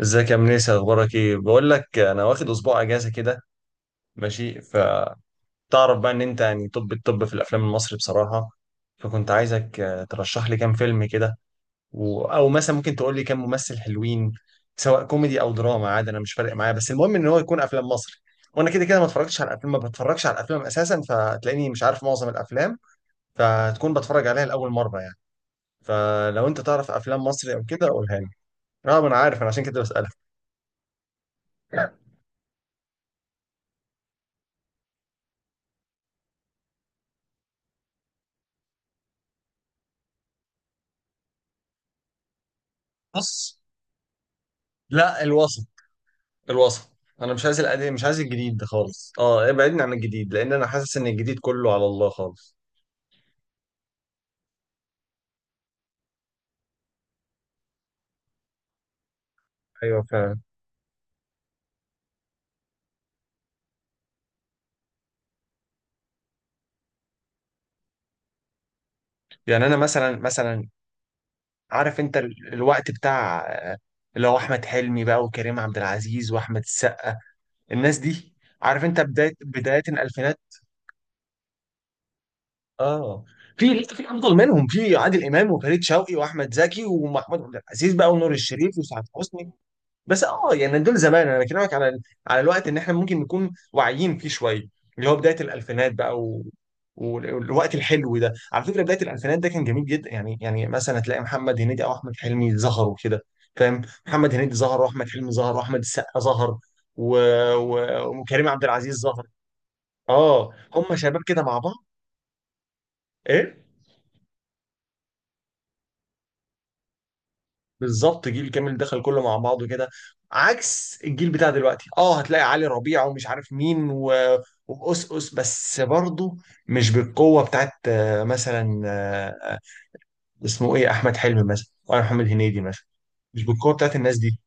ازيك يا منيس؟ اخبارك ايه؟ بقول لك انا واخد اسبوع اجازه كده. ماشي. فتعرف بقى ان انت يعني، طب، الطب في الافلام المصري بصراحه. فكنت عايزك ترشح لي كام فيلم كده. او مثلا ممكن تقول لي كام ممثل حلوين، سواء كوميدي او دراما، عادي انا مش فارق معايا، بس المهم ان هو يكون افلام مصري. وانا كده كده ما اتفرجتش على الافلام، ما بتفرجش على الافلام اساسا، فتلاقيني مش عارف معظم الافلام، فتكون بتفرج عليها لاول مره يعني. فلو انت تعرف افلام مصري او كده، قولها لي. اه، ما انا عارف، انا عشان كده بسالك. بص. لا، الوسط. الوسط. انا مش عايز القديم، مش عايز الجديد ده خالص. اه، ابعدني عن الجديد لان انا حاسس ان الجديد كله على الله خالص. ايوه، فعلا. يعني انا مثلا. عارف انت الوقت بتاع آه، اللي هو احمد حلمي بقى وكريم عبد العزيز واحمد السقا، الناس دي. عارف انت بدايه الالفينات، اه. في لسه، في افضل منهم، في عادل امام وفريد شوقي واحمد زكي ومحمود عبد العزيز بقى ونور الشريف وسعاد حسني. بس اه يعني، دول زمان. انا بكلمك على الوقت ان احنا ممكن نكون واعيين فيه شويه، اللي هو بدايه الالفينات بقى. و... وال- والوقت الحلو ده على فكره، بدايه الالفينات ده كان جميل جدا يعني. مثلا هتلاقي محمد هنيدي او احمد حلمي ظهروا كده. فاهم؟ محمد هنيدي ظهر واحمد حلمي ظهر واحمد السقا ظهر و... و... وكريم عبد العزيز ظهر. اه، هم شباب كده مع بعض. ايه، بالظبط، جيل كامل دخل كله مع بعضه كده. عكس الجيل بتاع دلوقتي، اه، هتلاقي علي ربيع ومش عارف مين وأس أس، بس برضه مش بالقوة بتاعت، مثلا، اسمه ايه، احمد حلمي مثلا ولا محمد هنيدي مثلا. مش بالقوة بتاعت الناس دي.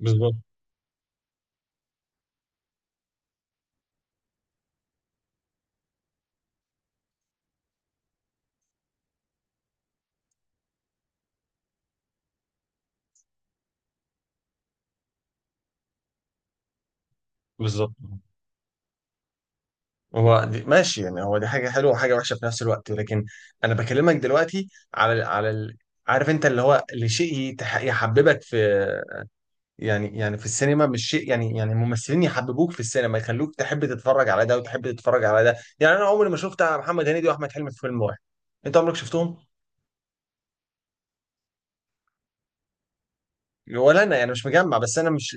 بالظبط. بالظبط. هو دي ماشي يعني، هو دي حاجة حلوة وحاجة وحشة في نفس الوقت، لكن انا بكلمك دلوقتي عارف انت اللي شيء يحببك في، يعني في السينما، مش شيء يعني، الممثلين يحببوك في السينما، يخلوك تحب تتفرج على ده وتحب تتفرج على ده. يعني انا عمري ما شفت محمد هنيدي واحمد حلمي في فيلم واحد. انت عمرك شفتهم؟ ولا انا يعني، مش مجمع، بس انا مش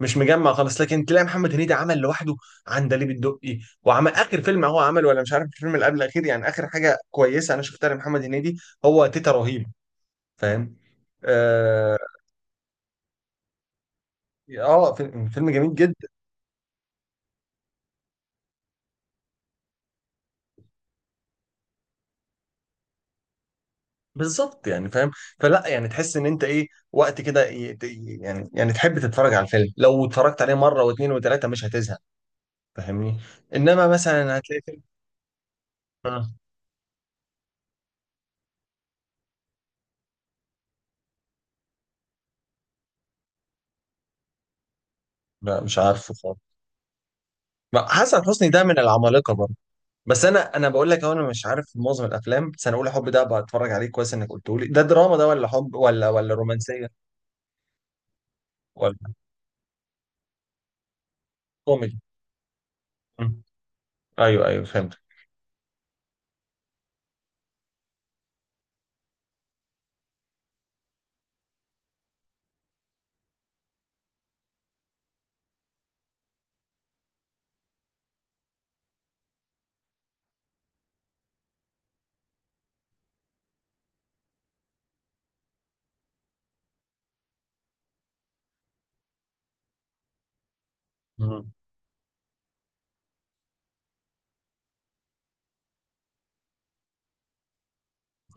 مش مجمع خالص. لكن تلاقي محمد هنيدي عمل لوحده عندليب الدقي، وعمل اخر فيلم هو عمل، ولا مش عارف الفيلم اللي قبل الاخير، يعني اخر حاجه كويسه انا شفتها لمحمد هنيدي هو تيتا رهيب. فاهم؟ اه. فيلم جميل جدا. بالظبط يعني. فاهم؟ فلا يعني، تحس ان انت ايه وقت كده، يعني تحب تتفرج على الفيلم لو اتفرجت عليه مره واثنين وثلاثه مش هتزهق. فاهمني؟ انما مثلا هتلاقي فيلم. آه، لا، مش عارفه خالص. حسن حسني ده من العمالقه برضه. بس انا بقول لك أهو، انا مش عارف معظم الافلام، بس انا اقول حب ده بتفرج عليه كويس انك قلته لي. ده دراما ده ولا حب ولا رومانسيه ولا كوميدي؟ مم. ايوه، ايوه، فهمت. مم.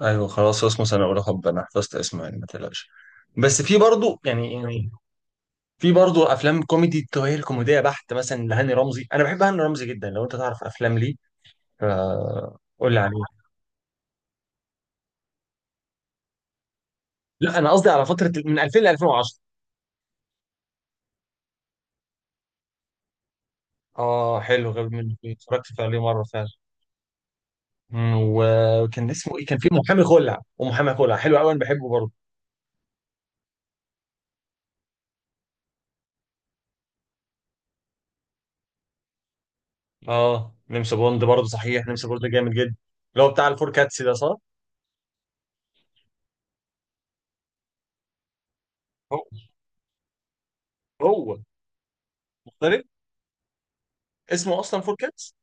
ايوه، خلاص، اسمه سنه اولى حب، انا حفظت اسمه يعني، ما تقلقش. بس في برضه يعني، في برضه افلام كوميدي، التوهيل كوميديه بحت، مثلا لهاني رمزي، انا بحب هاني رمزي جدا، لو انت تعرف افلام ليه فا قول لي عليه. لا، انا قصدي على فتره من 2000 ل 2010. اه، حلو، غبي منه فيه، اتفرجت عليه مره فعلا. مم، وكان اسمه ايه؟ كان في محامي خلع، ومحامي خلع حلو قوي، انا بحبه برضه. اه، نمس بوند برضه، صحيح، نمس بوند جامد جدا. اللي هو بتاع الفور كاتس ده، صح؟ هو هو مختلف. اسمه اصلا فور كاتس.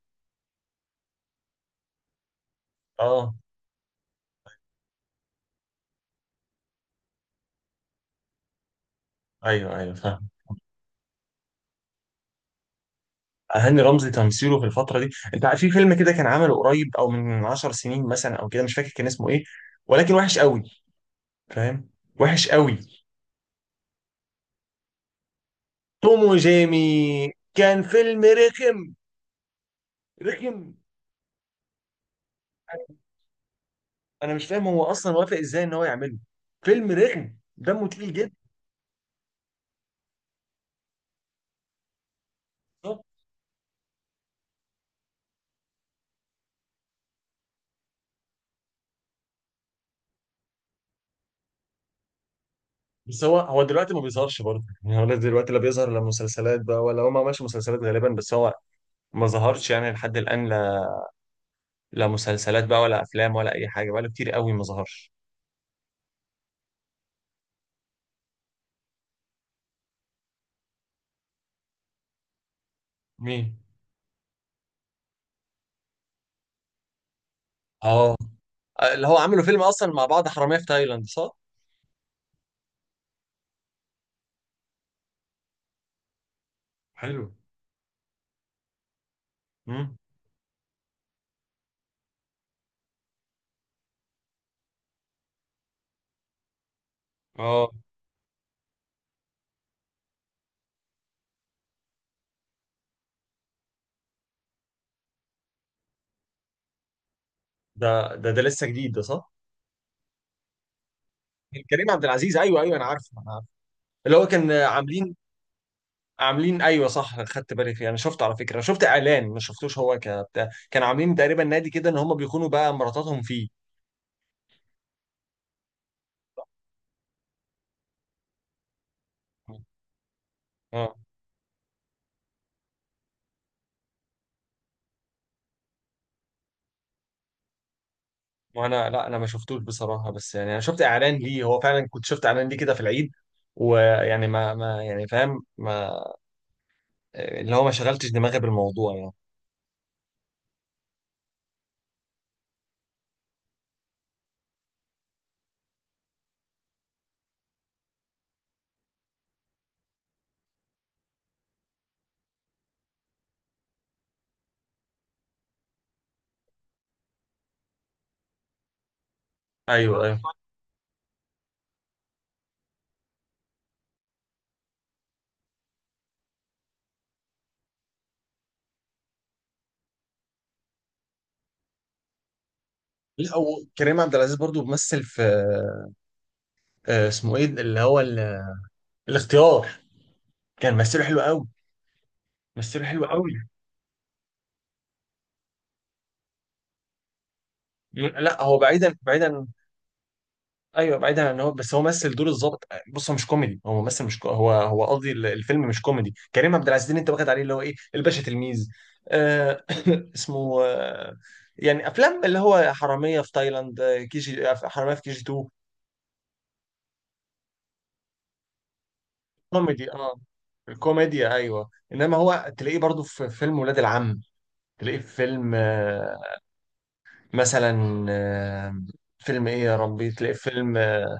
اه، ايوه، ايوه. هاني رمزي تمثيله في الفترة دي، انت عارف في فيلم كده كان عمله قريب او من 10 سنين مثلا او كده، مش فاكر كان اسمه ايه، ولكن وحش قوي. فاهم؟ وحش قوي. توم وجيمي كان فيلم رخم. رخم. انا مش فاهم هو اصلا وافق ازاي ان هو يعمله. فيلم رخم دمه تقيل جدا. بس هو دلوقتي ما بيظهرش برضه، يعني هو دلوقتي لا بيظهر لا مسلسلات بقى، ولا هو ما عملش مسلسلات غالبا، بس هو ما ظهرش يعني لحد الان. لا، لا مسلسلات بقى ولا افلام ولا اي حاجه، بقى له كتير قوي ما ظهرش. مين؟ اه، اللي هو عملوا فيلم اصلا مع بعض حراميه في تايلاند، صح؟ حلو. مم. اه. ده لسه جديد ده، صح؟ كريم عبد العزيز، ايوه، ايوه، انا عارفه، انا عارفه. اللي هو كان عاملين، ايوه صح، خدت بالي فيه، انا شفته على فكره، انا شفت اعلان ما شفتوش، هو كبتاع كانوا عاملين تقريبا نادي كده ان هم بيخونوا بقى مراتاتهم فيه. اه، وانا لا، انا ما شفتوش بصراحه، بس يعني انا شفت اعلان ليه، هو فعلا كنت شفت اعلان ليه كده في العيد. ويعني ما يعني، فاهم، ما اللي هو ما شغلتش دماغي بالموضوع يعني. ايوه، ايوه. لا، وكريم عبد العزيز برضو بيمثل في، اسمه ايه اللي هو الاختيار، كان مثله حلو قوي، مثله حلو اه قوي. لا، هو بعيدا بعيدا. ايوه، بعيدا عن، هو بس هو مثل دور الضابط. بص، هو مش كوميدي، هو ممثل مش كو... هو قصدي الفيلم مش كوميدي، كريم عبد العزيز اللي انت واخد عليه اللي هو ايه الباشا تلميذ. آه اسمه آه يعني افلام اللي هو حراميه في تايلاند، كي جي، حراميه في كي جي 2. كوميدي اه. الكوميديا، ايوه، انما هو تلاقيه برضو في فيلم ولاد العم، تلاقيه في فيلم مثلا، فيلم ايه يا ربي، تلاقيه في فيلم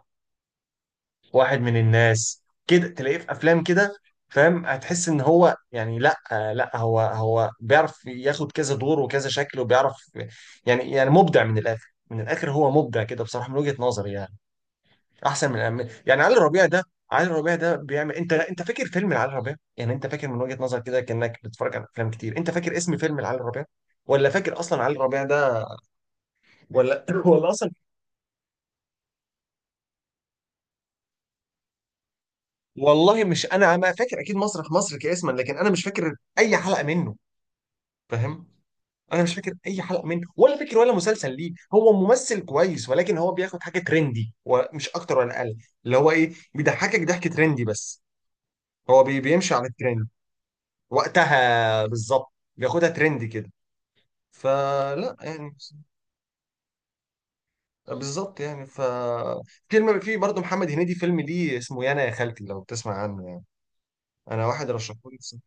واحد من الناس كده، تلاقيه في افلام كده. فاهم، هتحس ان هو يعني لا، لا، هو بيعرف ياخد كذا دور وكذا شكل وبيعرف، يعني مبدع من الاخر، من الاخر هو مبدع كده بصراحه من وجهه نظري يعني. احسن من يعني علي ربيع ده. علي ربيع ده بيعمل، انت فاكر فيلم علي ربيع؟ يعني انت فاكر من وجهه نظرك كده كانك بتتفرج على افلام كتير، انت فاكر اسم فيلم علي ربيع؟ ولا فاكر اصلا علي ربيع ده؟ ولا ولا اصلا. والله مش، انا ما فاكر اكيد مسرح مصر كاسما، لكن انا مش فاكر اي حلقه منه. فاهم؟ انا مش فاكر اي حلقه منه ولا فاكر ولا مسلسل ليه، هو ممثل كويس ولكن هو بياخد حاجه ترندي ومش اكتر ولا اقل. اللي هو ايه، بيضحكك ضحك ترندي بس، هو بيمشي على الترند. وقتها بالظبط، بياخدها ترندي كده، فلا يعني. بالظبط يعني. فيلم في برضه محمد هنيدي، فيلم ليه اسمه يانا يا خالتي، لو بتسمع عنه يعني. انا واحد رشحه لي بصراحة.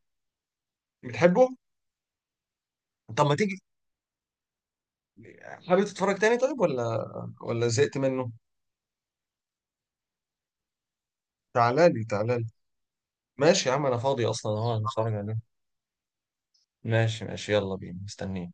بتحبه؟ طب ما تيجي، حابب تتفرج تاني طيب ولا زهقت منه؟ تعالى لي، تعالى لي. ماشي يا عم، انا فاضي اصلا اهو، هنتفرج عليه. ماشي، ماشي، يلا بينا، مستنيك.